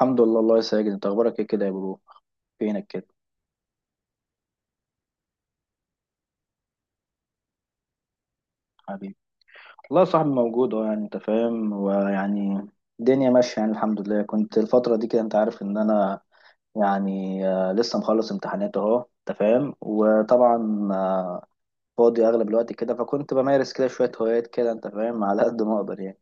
الحمد لله. الله يا ساجد، انت اخبارك ايه كده يا برو؟ فينك كده؟ حبيبي. والله يا صاحبي موجود، يعني انت فاهم، ويعني الدنيا ماشيه، يعني الحمد لله. كنت الفتره دي كده، انت عارف ان انا يعني لسه مخلص امتحانات اهو، انت فاهم. وطبعا فاضي اغلب الوقت كده، فكنت بمارس كده شويه هوايات كده، انت فاهم، على قد ما اقدر يعني.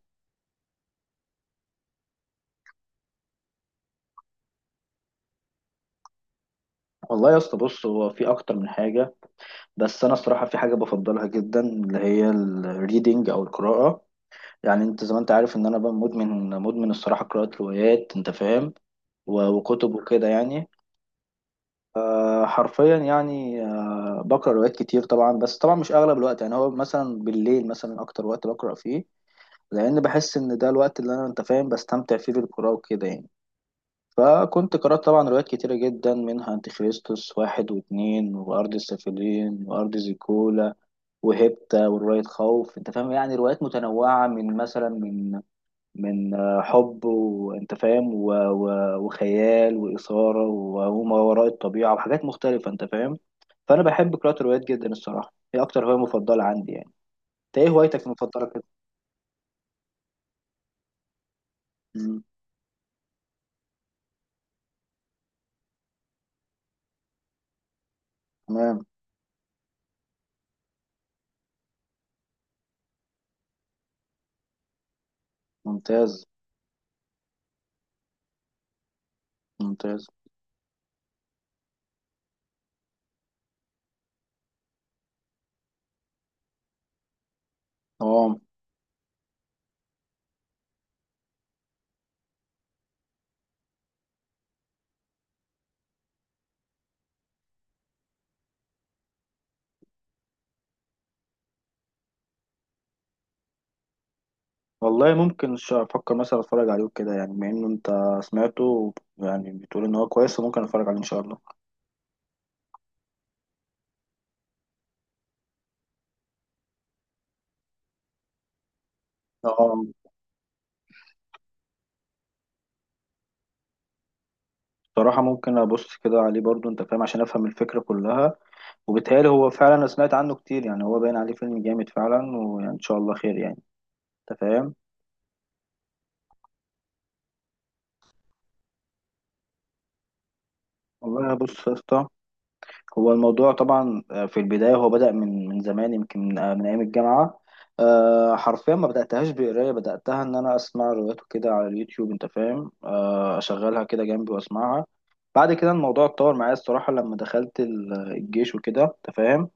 والله يا اسطى، بص، هو في اكتر من حاجه، بس انا الصراحه في حاجه بفضلها جدا اللي هي الريدنج او القراءه. يعني انت زي ما انت عارف ان انا بقى مدمن، مدمن الصراحه قراءه روايات، انت فاهم، وكتب وكده يعني. حرفيا يعني. بقرا روايات كتير طبعا، بس طبعا مش اغلب الوقت، يعني هو مثلا بالليل مثلا اكتر وقت بقرا فيه، لان بحس ان ده الوقت اللي انا، انت فاهم، بستمتع فيه بالقراءه وكده يعني. فكنت قرأت طبعا روايات كتيرة جدا، منها أنتيخريستوس واحد واتنين، وأرض السافلين، وأرض زيكولا، وهيبتا، ورواية خوف. أنت فاهم يعني روايات متنوعة، من مثلا من حب، وانت فاهم، وخيال وإثارة وما وراء الطبيعة وحاجات مختلفة، انت فاهم. فأنا بحب قراءة الروايات جدا الصراحة، هي أكتر هواية مفضلة عندي يعني. انت ايه هوايتك المفضلة كده؟ مم، تمام. ممتاز. ممتاز. اه. والله ممكن أفكر مثلا أتفرج عليه كده يعني، بما إنه أنت سمعته يعني بتقول إن هو كويس، وممكن أتفرج عليه إن شاء الله. اه. بصراحة ممكن أبص كده عليه برضو، أنت فاهم، عشان أفهم الفكرة كلها. وبيتهيألي هو فعلا، أنا سمعت عنه كتير يعني، هو باين عليه فيلم جامد فعلا، وإن شاء الله خير يعني، أنت فاهم. والله بص يا اسطى، هو الموضوع طبعا في البداية هو بدأ من زمان، يمكن من أيام الجامعة. أه، حرفيا ما بدأتهاش بقراية، بدأتها إن أنا أسمع روايات كده على اليوتيوب، أنت فاهم، أه أشغلها كده جنبي وأسمعها. بعد كده الموضوع اتطور معايا الصراحة لما دخلت الجيش وكده، أنت فاهم.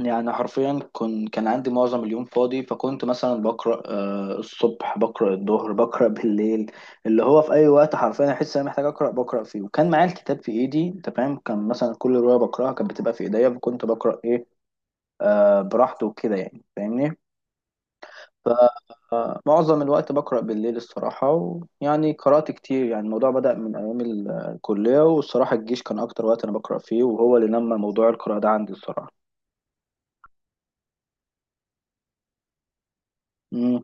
يعني حرفيا كان عندي معظم اليوم فاضي، فكنت مثلا بقرأ الصبح، بقرأ الظهر، بقرأ بالليل. اللي هو في أي وقت حرفيا أحس إن أنا محتاج أقرأ بقرأ فيه. وكان معايا الكتاب في إيدي، أنت فاهم، كان مثلا كل رواية بقرأها كانت بتبقى في إيديا، فكنت بقرأ إيه، براحتي وكده يعني، فاهمني. فمعظم الوقت بقرأ بالليل الصراحة. ويعني قرأت كتير يعني، الموضوع بدأ من أيام الكلية، والصراحة الجيش كان أكتر وقت أنا بقرأ فيه، وهو اللي نمى موضوع القراءة ده عندي الصراحة. امم.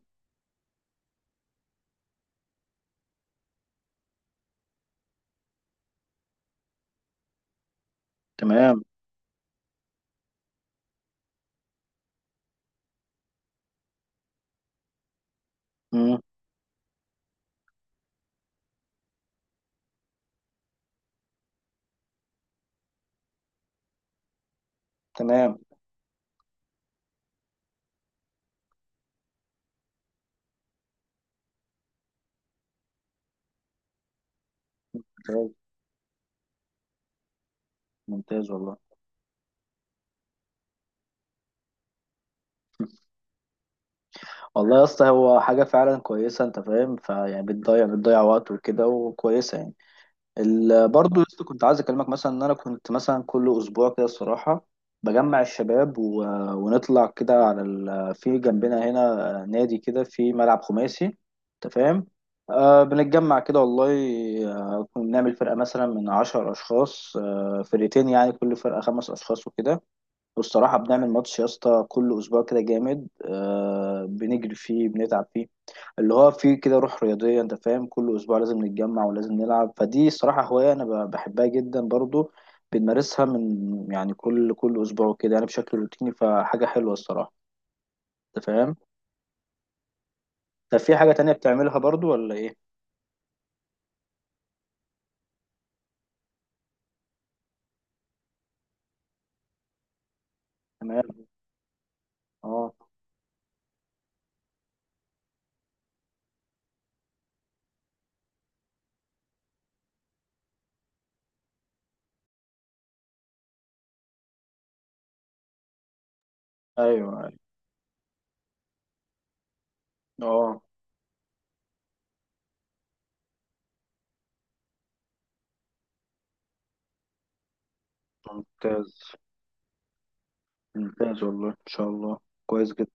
تمام. تمام. ممتاز. ممتاز والله. والله يا اسطى، هو حاجة فعلا كويسة، انت فاهم، فيعني بتضيع وقت وكده، وكويسة يعني. برضه يا اسطى كنت عايز اكلمك مثلا ان انا كنت مثلا كل اسبوع كده الصراحة بجمع الشباب ونطلع كده على في جنبنا هنا نادي كده في ملعب خماسي، انت فاهم. بنتجمع كده، والله. بنعمل فرقة مثلا من 10 أشخاص، فرقتين يعني، كل فرقة 5 أشخاص وكده. والصراحة بنعمل ماتش يا اسطى كل أسبوع كده جامد، بنجري فيه بنتعب فيه، اللي هو فيه كده روح رياضية، أنت فاهم. كل أسبوع لازم نتجمع ولازم نلعب، فدي الصراحة هواية أنا بحبها جدا برضو، بنمارسها من يعني كل أسبوع كده يعني بشكل روتيني، فحاجة حلوة الصراحة، أنت فاهم. طب في حاجة تانية بتعملها برضو ولا إيه؟ تمام. أه. أيوه أيوه. أه. ممتاز. ممتاز والله. إن شاء الله. كويس جدا.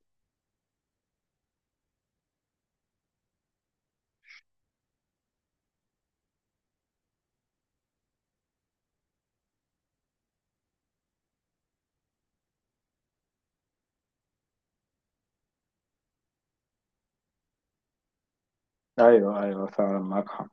أيوه أيوه، فعلا معاك حق.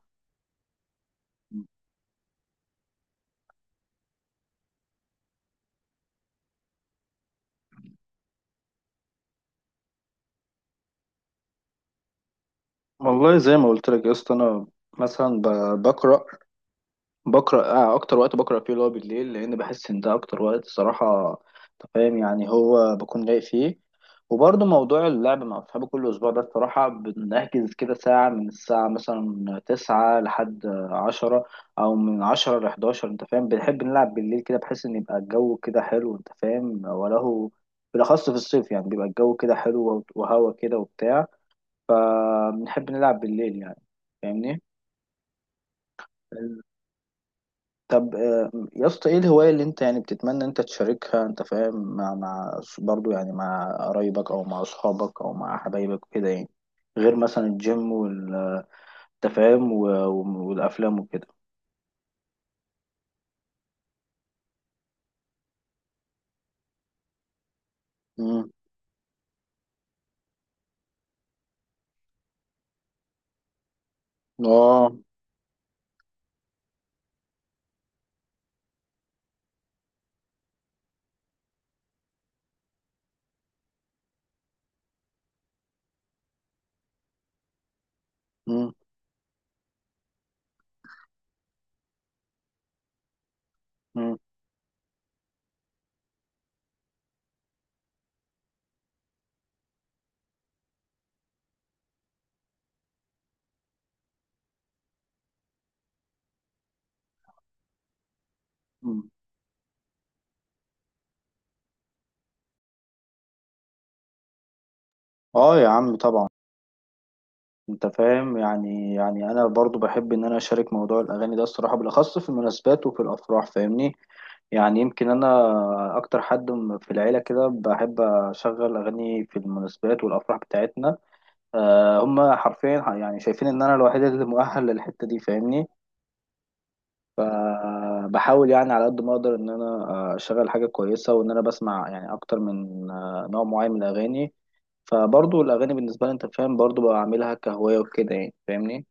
والله زي ما قلت لك يا اسطى، انا مثلا بقرا اكتر وقت بقرا فيه اللي هو بالليل، لان بحس ان ده اكتر وقت صراحه، أنت فاهم، يعني هو بكون لايق فيه. وبرضه موضوع اللعب مع اصحابي كل اسبوع ده الصراحه، بنحجز كده ساعه، من الساعه مثلا 9 لحد 10، او من 10 لـ11، انت فاهم، بنحب نلعب بالليل كده بحيث ان يبقى الجو كده حلو، انت فاهم، وله بالاخص في الصيف، يعني بيبقى الجو كده حلو وهوا كده وبتاع، فبنحب نلعب بالليل يعني، فاهمني. طب يا اسطى ايه الهواية اللي انت يعني بتتمنى انت تشاركها، انت فاهم، مع برضو يعني مع قرايبك او مع اصحابك او مع حبايبك وكده يعني، غير مثلا الجيم والتفاهم والافلام وكده. امم. اه. امم. امم. اه يا عم طبعا، انت فاهم يعني، انا برضو بحب ان انا اشارك موضوع الاغاني ده الصراحه، بالاخص في المناسبات وفي الافراح، فاهمني. يعني يمكن انا اكتر حد في العيله كده بحب اشغل اغاني في المناسبات والافراح بتاعتنا. أه، هم حرفيا يعني شايفين ان انا الوحيد اللي مؤهل للحته دي، فاهمني. فبحاول يعني على قد ما اقدر ان انا اشغل حاجه كويسه، وان انا بسمع يعني اكتر من نوع معين من الاغاني. فبرضو الاغاني بالنسبه لي، انت فاهم، برضو بعملها كهوايه وكده يعني، فاهمني.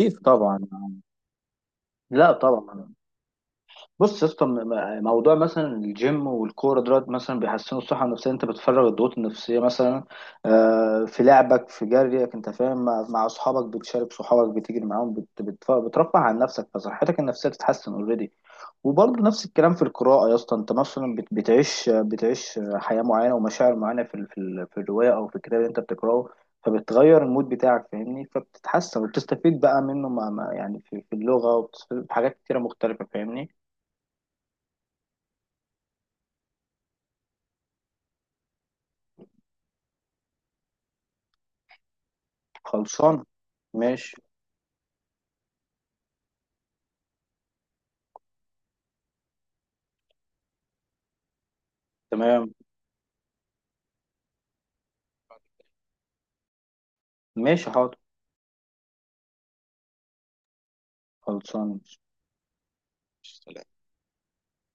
اكيد طبعا. لا طبعا. بص يا اسطى، موضوع مثلا الجيم والكوره دلوقتي مثلا بيحسنوا الصحه النفسيه. انت بتفرغ الضغوط النفسيه مثلا في لعبك في جريك، انت فاهم، مع اصحابك، بتشارك صحابك بتجري معاهم، بترفه عن نفسك، فصحتك النفسيه بتتحسن اوريدي. وبرضه نفس الكلام في القراءة يا اسطى، انت مثلا بتعيش حياة معينة ومشاعر معينة في الرواية او في الكتاب اللي انت بتقراه، فبتغير المود بتاعك، فاهمني. فبتتحسن وبتستفيد بقى منه، يعني في اللغة، وبتستفيد في حاجات كتيرة مختلفة، فاهمني. خلصان. ماشي. تمام. ماشي حاضر. خلصان.